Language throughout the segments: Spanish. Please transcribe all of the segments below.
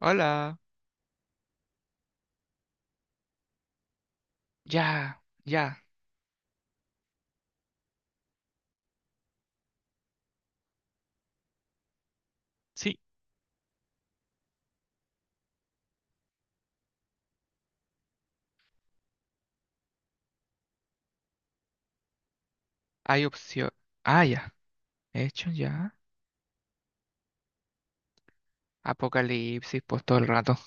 Hola. Ya, ya. Sí, hay opción. Ah, ya. Hecho ya. Apocalipsis, pues todo el rato.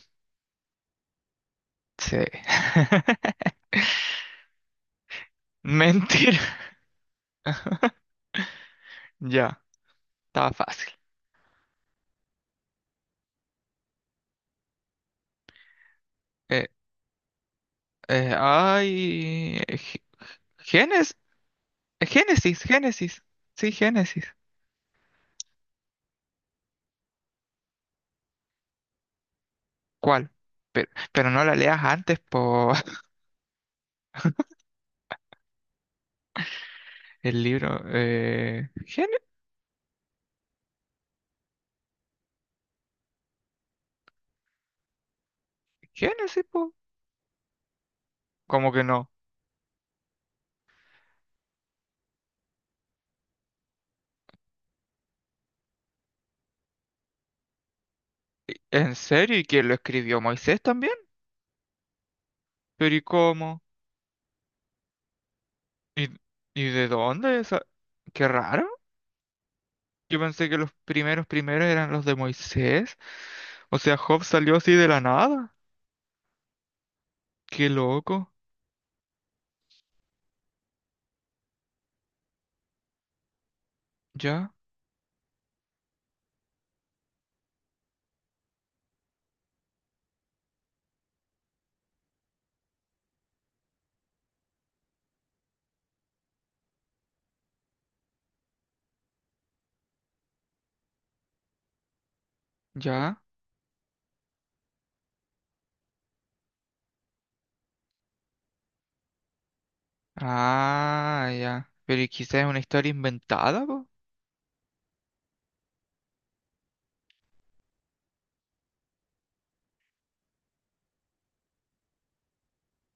Sí. Mentira. Ya, estaba fácil. Eh, eh, ay, G- Génesis, Génesis. Sí, Génesis. ¿Cuál? Pero no la leas antes por el libro. Génesis, po. Como que no. ¿En serio? ¿Y quién lo escribió? ¿Moisés también? ¿Pero y cómo? ¿Y, y de dónde esa? Qué raro. Yo pensé que los primeros primeros eran los de Moisés. O sea, Job salió así de la nada. Qué loco. Ya, ya. Ah, ya. Pero ¿y quizás es una historia inventada, po?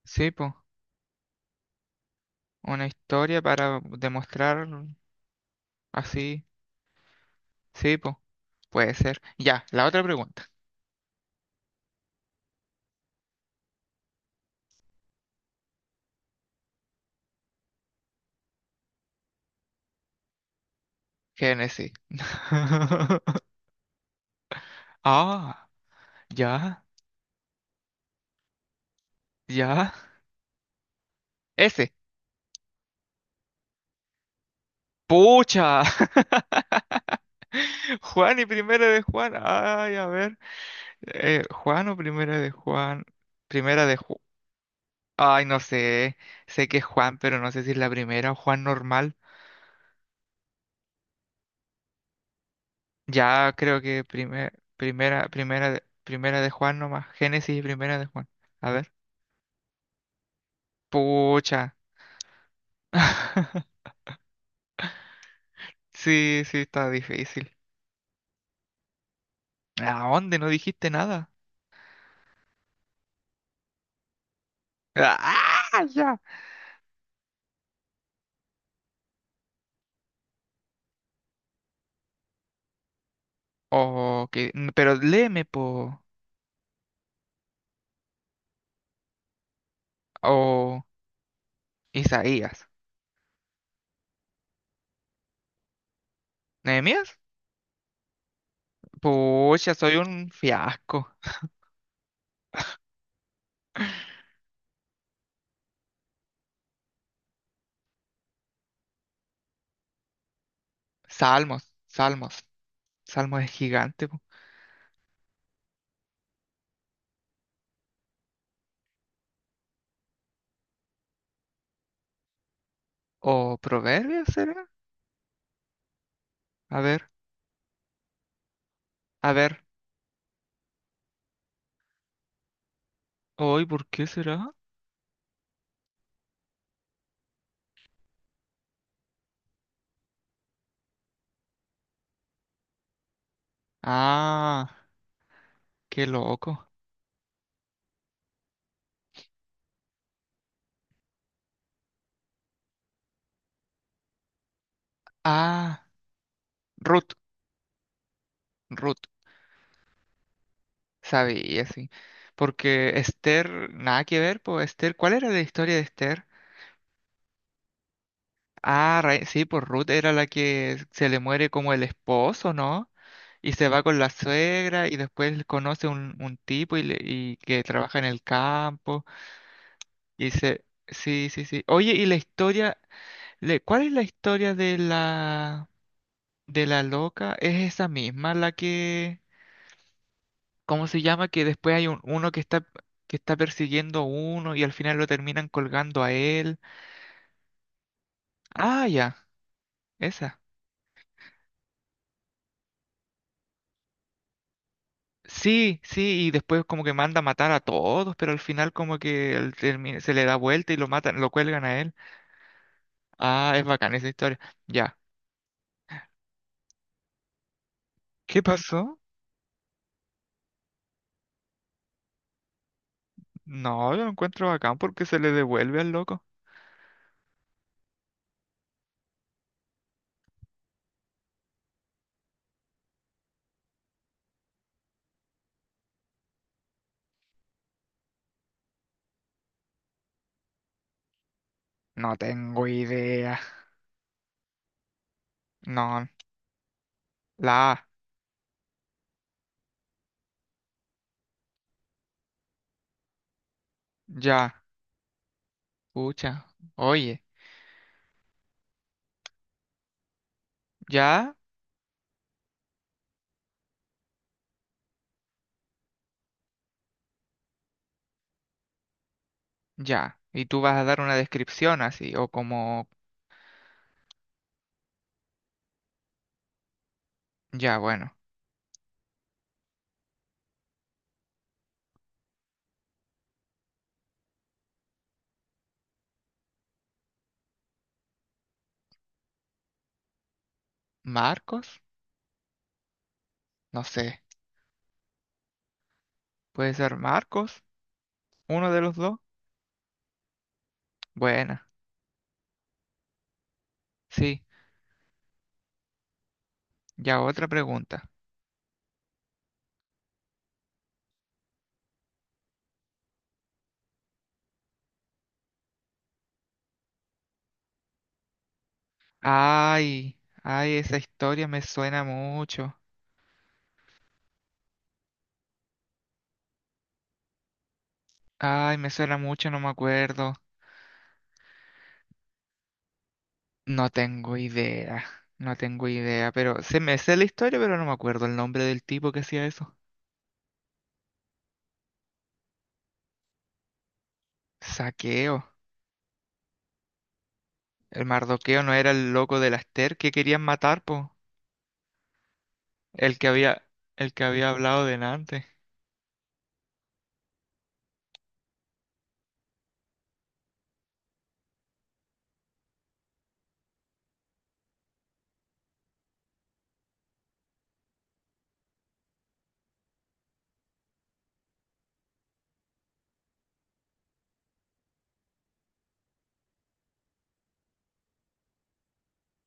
Sí, po. Una historia para demostrar así. Sí, po. Puede ser. Ya, la otra pregunta. Génesis. Ah, ya, ya. Ese. Pucha. Juan y primera de Juan. Ay, a ver. Juan o primera de Juan. Primera de Juan. Ay, no sé. Sé que es Juan, pero no sé si es la primera o Juan normal. Ya creo que primera de Juan nomás. Génesis y primera de Juan. A ver. Pucha. Sí, sí, está difícil. ¿A dónde? No dijiste nada. ¡Ah, ya! Pero léeme, po. O Isaías. ¿Nehemías? Pucha, soy un fiasco. Salmos, salmos. Salmos es gigante, po. ¿O proverbios será? A ver, a ver. Hoy, ¿por qué será? Ah, qué loco. Ah, Ruth, Ruth. Sabía, sí. Porque Esther, nada que ver, pues Esther, ¿cuál era la historia de Esther? Ah, sí, pues Ruth era la que se le muere como el esposo, ¿no? Y se va con la suegra y después conoce un tipo y, y que trabaja en el campo y se... Sí, sí, sí. Oye, ¿y la historia? ¿Cuál es la historia de la loca? ¿Es esa misma la que... ¿Cómo se llama? Que después hay uno que está persiguiendo a uno y al final lo terminan colgando a él. Ah, ya, esa. Sí, sí, y después como que manda a matar a todos, pero al final como que se le da vuelta y lo matan, lo cuelgan a él. Ah, es bacán esa historia. Ya. ¿Qué pasó? No, yo lo encuentro bacán porque se le devuelve al loco. No tengo idea. No, la A, ya, escucha, oye, ya, ya. Y tú vas a dar una descripción así, o como, ya, bueno. Marcos, no sé. Puede ser Marcos, uno de los dos. Buena, sí. Ya otra pregunta. Ay, ay, esa historia me suena mucho. Ay, me suena mucho, no me acuerdo. No tengo idea, no tengo idea, pero se me sé la historia, pero no me acuerdo el nombre del tipo que hacía eso. Saqueo. El Mardoqueo no era el loco de la Esther que querían matar, po. El que había, el que había hablado delante.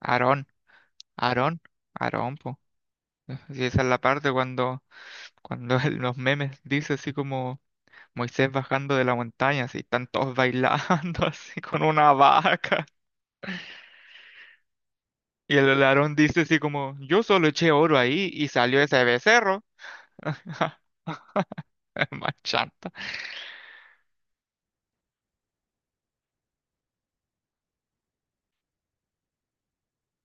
Aarón, Aarón, Aarón, po. Y esa es la parte cuando en los memes dice así como Moisés bajando de la montaña, así, están todos bailando así con una vaca. Y el Aarón dice así como, yo solo eché oro ahí y salió ese becerro. Es Más chanta.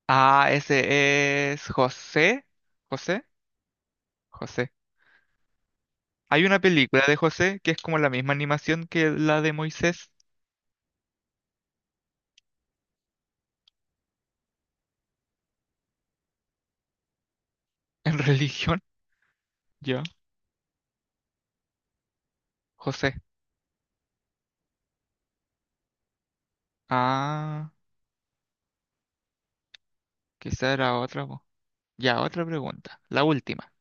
Ah, ese es José. José, José. Hay una película de José que es como la misma animación que la de Moisés en religión. Ya, José. Ah, quizá era otra, po. Ya, otra pregunta. La última.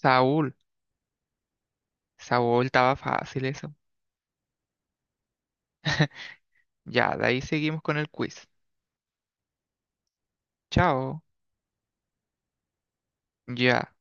Saúl. Saúl estaba fácil eso. Ya, de ahí seguimos con el quiz. Chao. Ya.